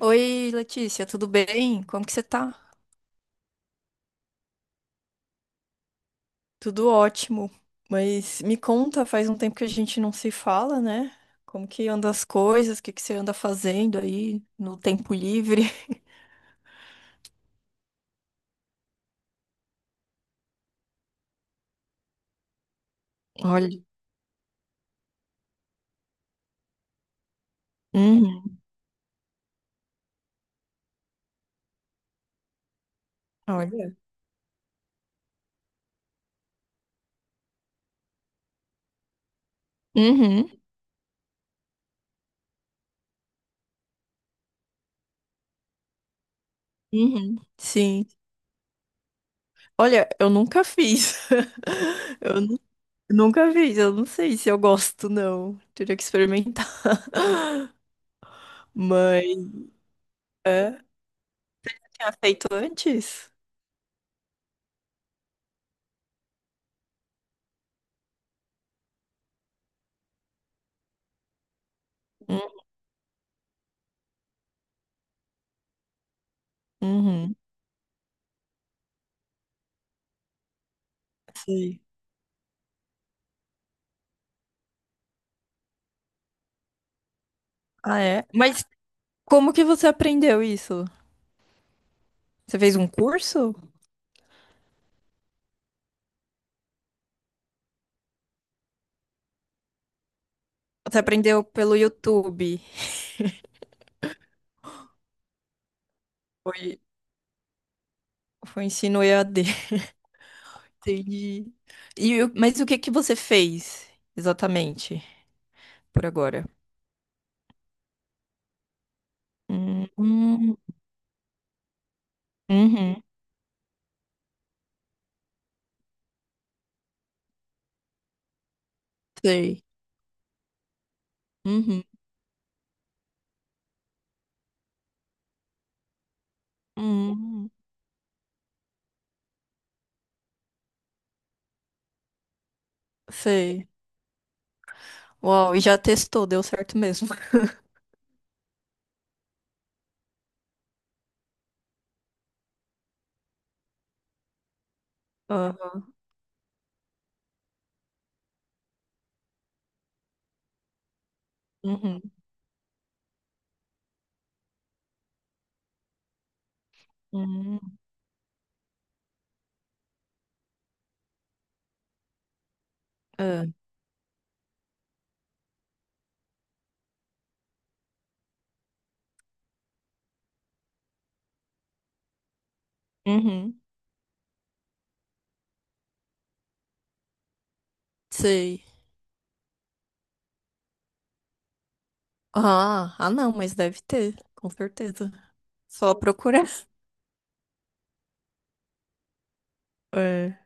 Oi, Letícia, tudo bem? Como que você tá? Tudo ótimo. Mas me conta, faz um tempo que a gente não se fala, né? Como que anda as coisas? O que que você anda fazendo aí no tempo livre? Olha. Uhum. Olha. Uhum. Uhum. Sim. Olha, eu nunca fiz. Eu nu- Nunca fiz. Eu não sei se eu gosto, não. Teria que experimentar. Mas. É. Tinha feito antes? Hum. Uhum. Sei. Ah, é? Mas como que você aprendeu isso? Você fez um curso? Você aprendeu pelo YouTube? Foi, foi ensino EAD. Entendi. Mas o que que você fez exatamente por agora? Hum, hum, uhum, sei. Uhum, uhum, sei. Uau, e já testou, deu certo mesmo. Aham, uhum, uhum, é, uhum, sei. Ah, ah, não, mas deve ter, com certeza. Só procurar. É.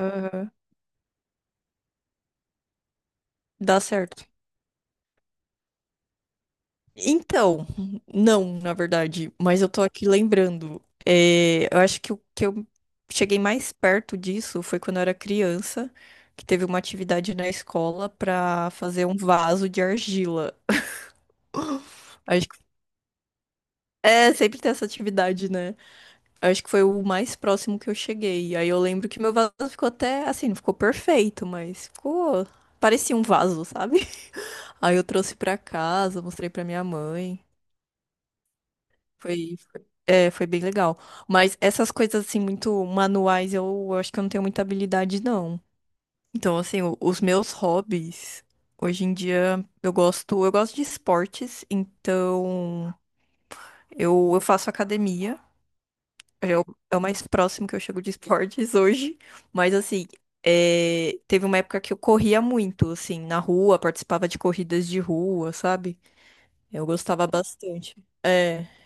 Aham. Dá certo. Então, não, na verdade, mas eu tô aqui lembrando. É, eu acho que o que eu cheguei mais perto disso foi quando eu era criança, que teve uma atividade na escola pra fazer um vaso de argila. Acho que é, sempre tem essa atividade, né? Acho que foi o mais próximo que eu cheguei. Aí eu lembro que meu vaso ficou até assim, não ficou perfeito, mas ficou, parecia um vaso, sabe? Aí eu trouxe pra casa, mostrei pra minha mãe. Foi bem legal. Mas essas coisas, assim, muito manuais, acho que eu não tenho muita habilidade, não. Então, assim, os meus hobbies, hoje em dia, eu gosto de esportes, então eu faço academia. É o, é o mais próximo que eu chego de esportes hoje. Mas, assim, é, teve uma época que eu corria muito, assim, na rua, participava de corridas de rua, sabe? Eu gostava bastante.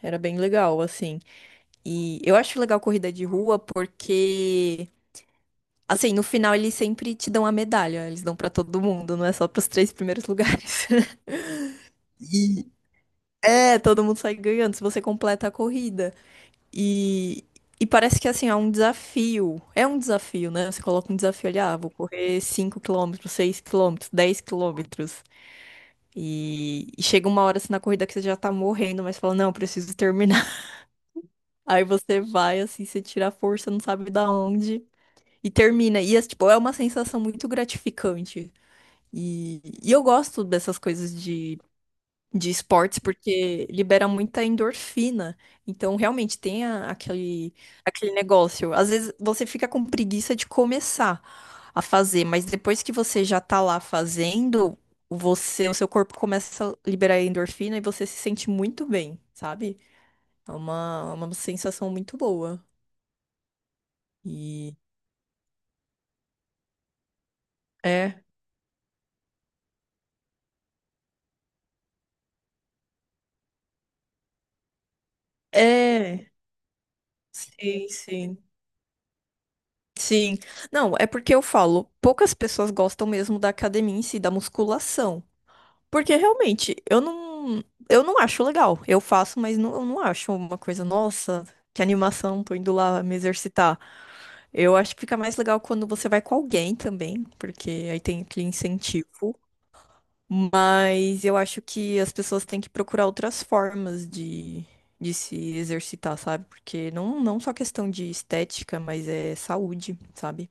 Era bem legal, assim. E eu acho legal corrida de rua porque, assim, no final eles sempre te dão a medalha, eles dão pra todo mundo, não é só pros três primeiros lugares. E é, todo mundo sai ganhando se você completa a corrida. E, e parece que, assim, é um desafio. É um desafio, né? Você coloca um desafio ali, ah, vou correr 5 quilômetros, 6 quilômetros, 10 quilômetros. E chega uma hora assim na corrida que você já tá morrendo, mas fala, não, preciso terminar. Aí você vai, assim, você tira a força, não sabe da onde. E termina. E, é, tipo, é uma sensação muito gratificante. E eu gosto dessas coisas de esportes porque libera muita endorfina. Então, realmente, aquele, aquele negócio. Às vezes, você fica com preguiça de começar a fazer, mas depois que você já tá lá fazendo, você, o seu corpo começa a liberar endorfina e você se sente muito bem, sabe? Uma sensação muito boa. E é. É, sim, sim. Sim. Não, é porque eu falo, poucas pessoas gostam mesmo da academia em si, da musculação. Porque realmente, eu não acho legal. Eu faço, mas não, eu não acho uma coisa, nossa, que animação, tô indo lá me exercitar. Eu acho que fica mais legal quando você vai com alguém também, porque aí tem aquele incentivo. Mas eu acho que as pessoas têm que procurar outras formas de se exercitar, sabe? Porque não só questão de estética, mas é saúde, sabe?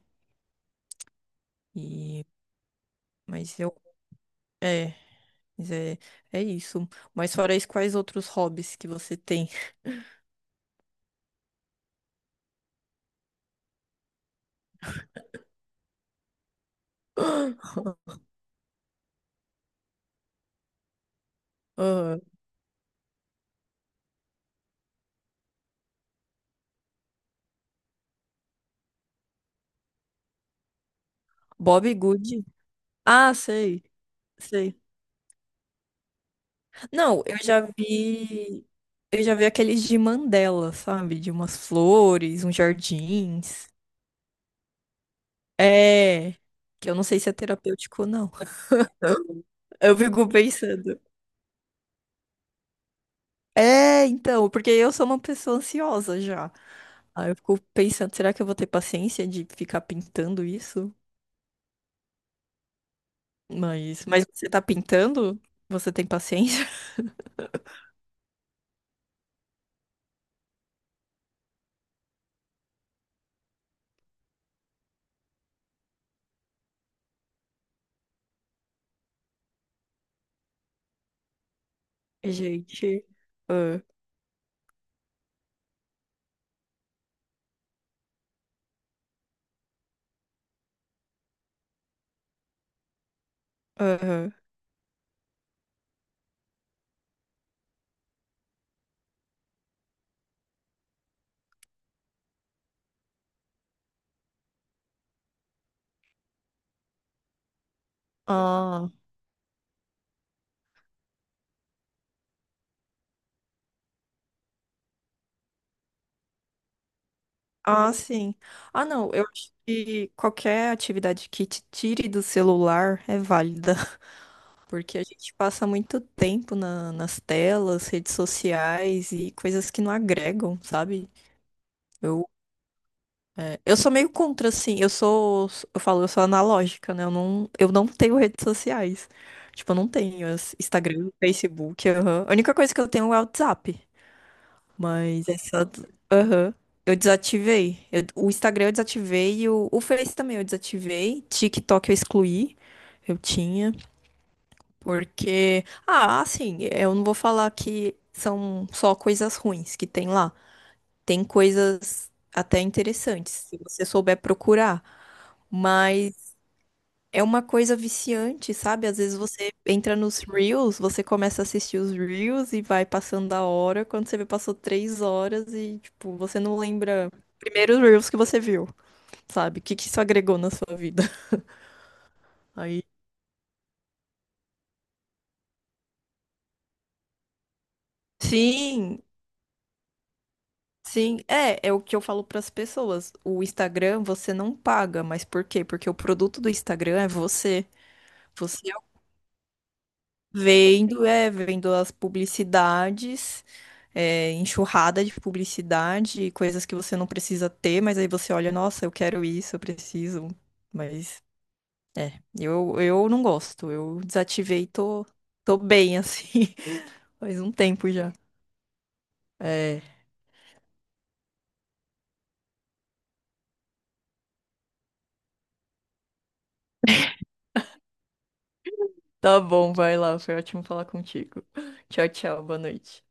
E, mas eu, é, mas é, é isso. Mas fora isso, quais outros hobbies que você tem? Ah, Bob Good. Ah, sei, sei. Não, eu já vi aqueles de Mandela, sabe? De umas flores, uns jardins. É, que eu não sei se é terapêutico ou não. Eu fico pensando. É, então, porque eu sou uma pessoa ansiosa já. Aí eu fico pensando, será que eu vou ter paciência de ficar pintando isso? Mas você tá pintando? Você tem paciência? Gente. Ah, aham. Ah, ah, sim. Ah, não. Eu acho que qualquer atividade que te tire do celular é válida. Porque a gente passa muito tempo nas telas, redes sociais e coisas que não agregam, sabe? Eu é, eu sou meio contra, assim. Eu falo, eu sou analógica, né? Eu não tenho redes sociais. Tipo, eu não tenho as- Instagram, Facebook, aham. A única coisa que eu tenho é o WhatsApp. Mas essa, aham. Eu desativei. O Instagram eu desativei e o Face também eu desativei. TikTok eu excluí. Eu tinha. Porque, ah, assim, eu não vou falar que são só coisas ruins que tem lá. Tem coisas até interessantes, se você souber procurar. Mas é uma coisa viciante, sabe? Às vezes você entra nos Reels, você começa a assistir os Reels e vai passando a hora. Quando você vê, passou 3 horas e, tipo, você não lembra primeiro os Reels que você viu, sabe? O que que isso agregou na sua vida? Aí. Sim, sim. É, é o que eu falo para as pessoas. O Instagram você não paga, mas por quê? Porque o produto do Instagram é você. Você vendo as publicidades, é, enxurrada de publicidade, coisas que você não precisa ter, mas aí você olha, nossa, eu quero isso, eu preciso. Mas, eu não gosto, eu desativei, tô bem assim, faz um tempo já. É, tá bom, vai lá, foi ótimo falar contigo. Tchau, tchau, boa noite.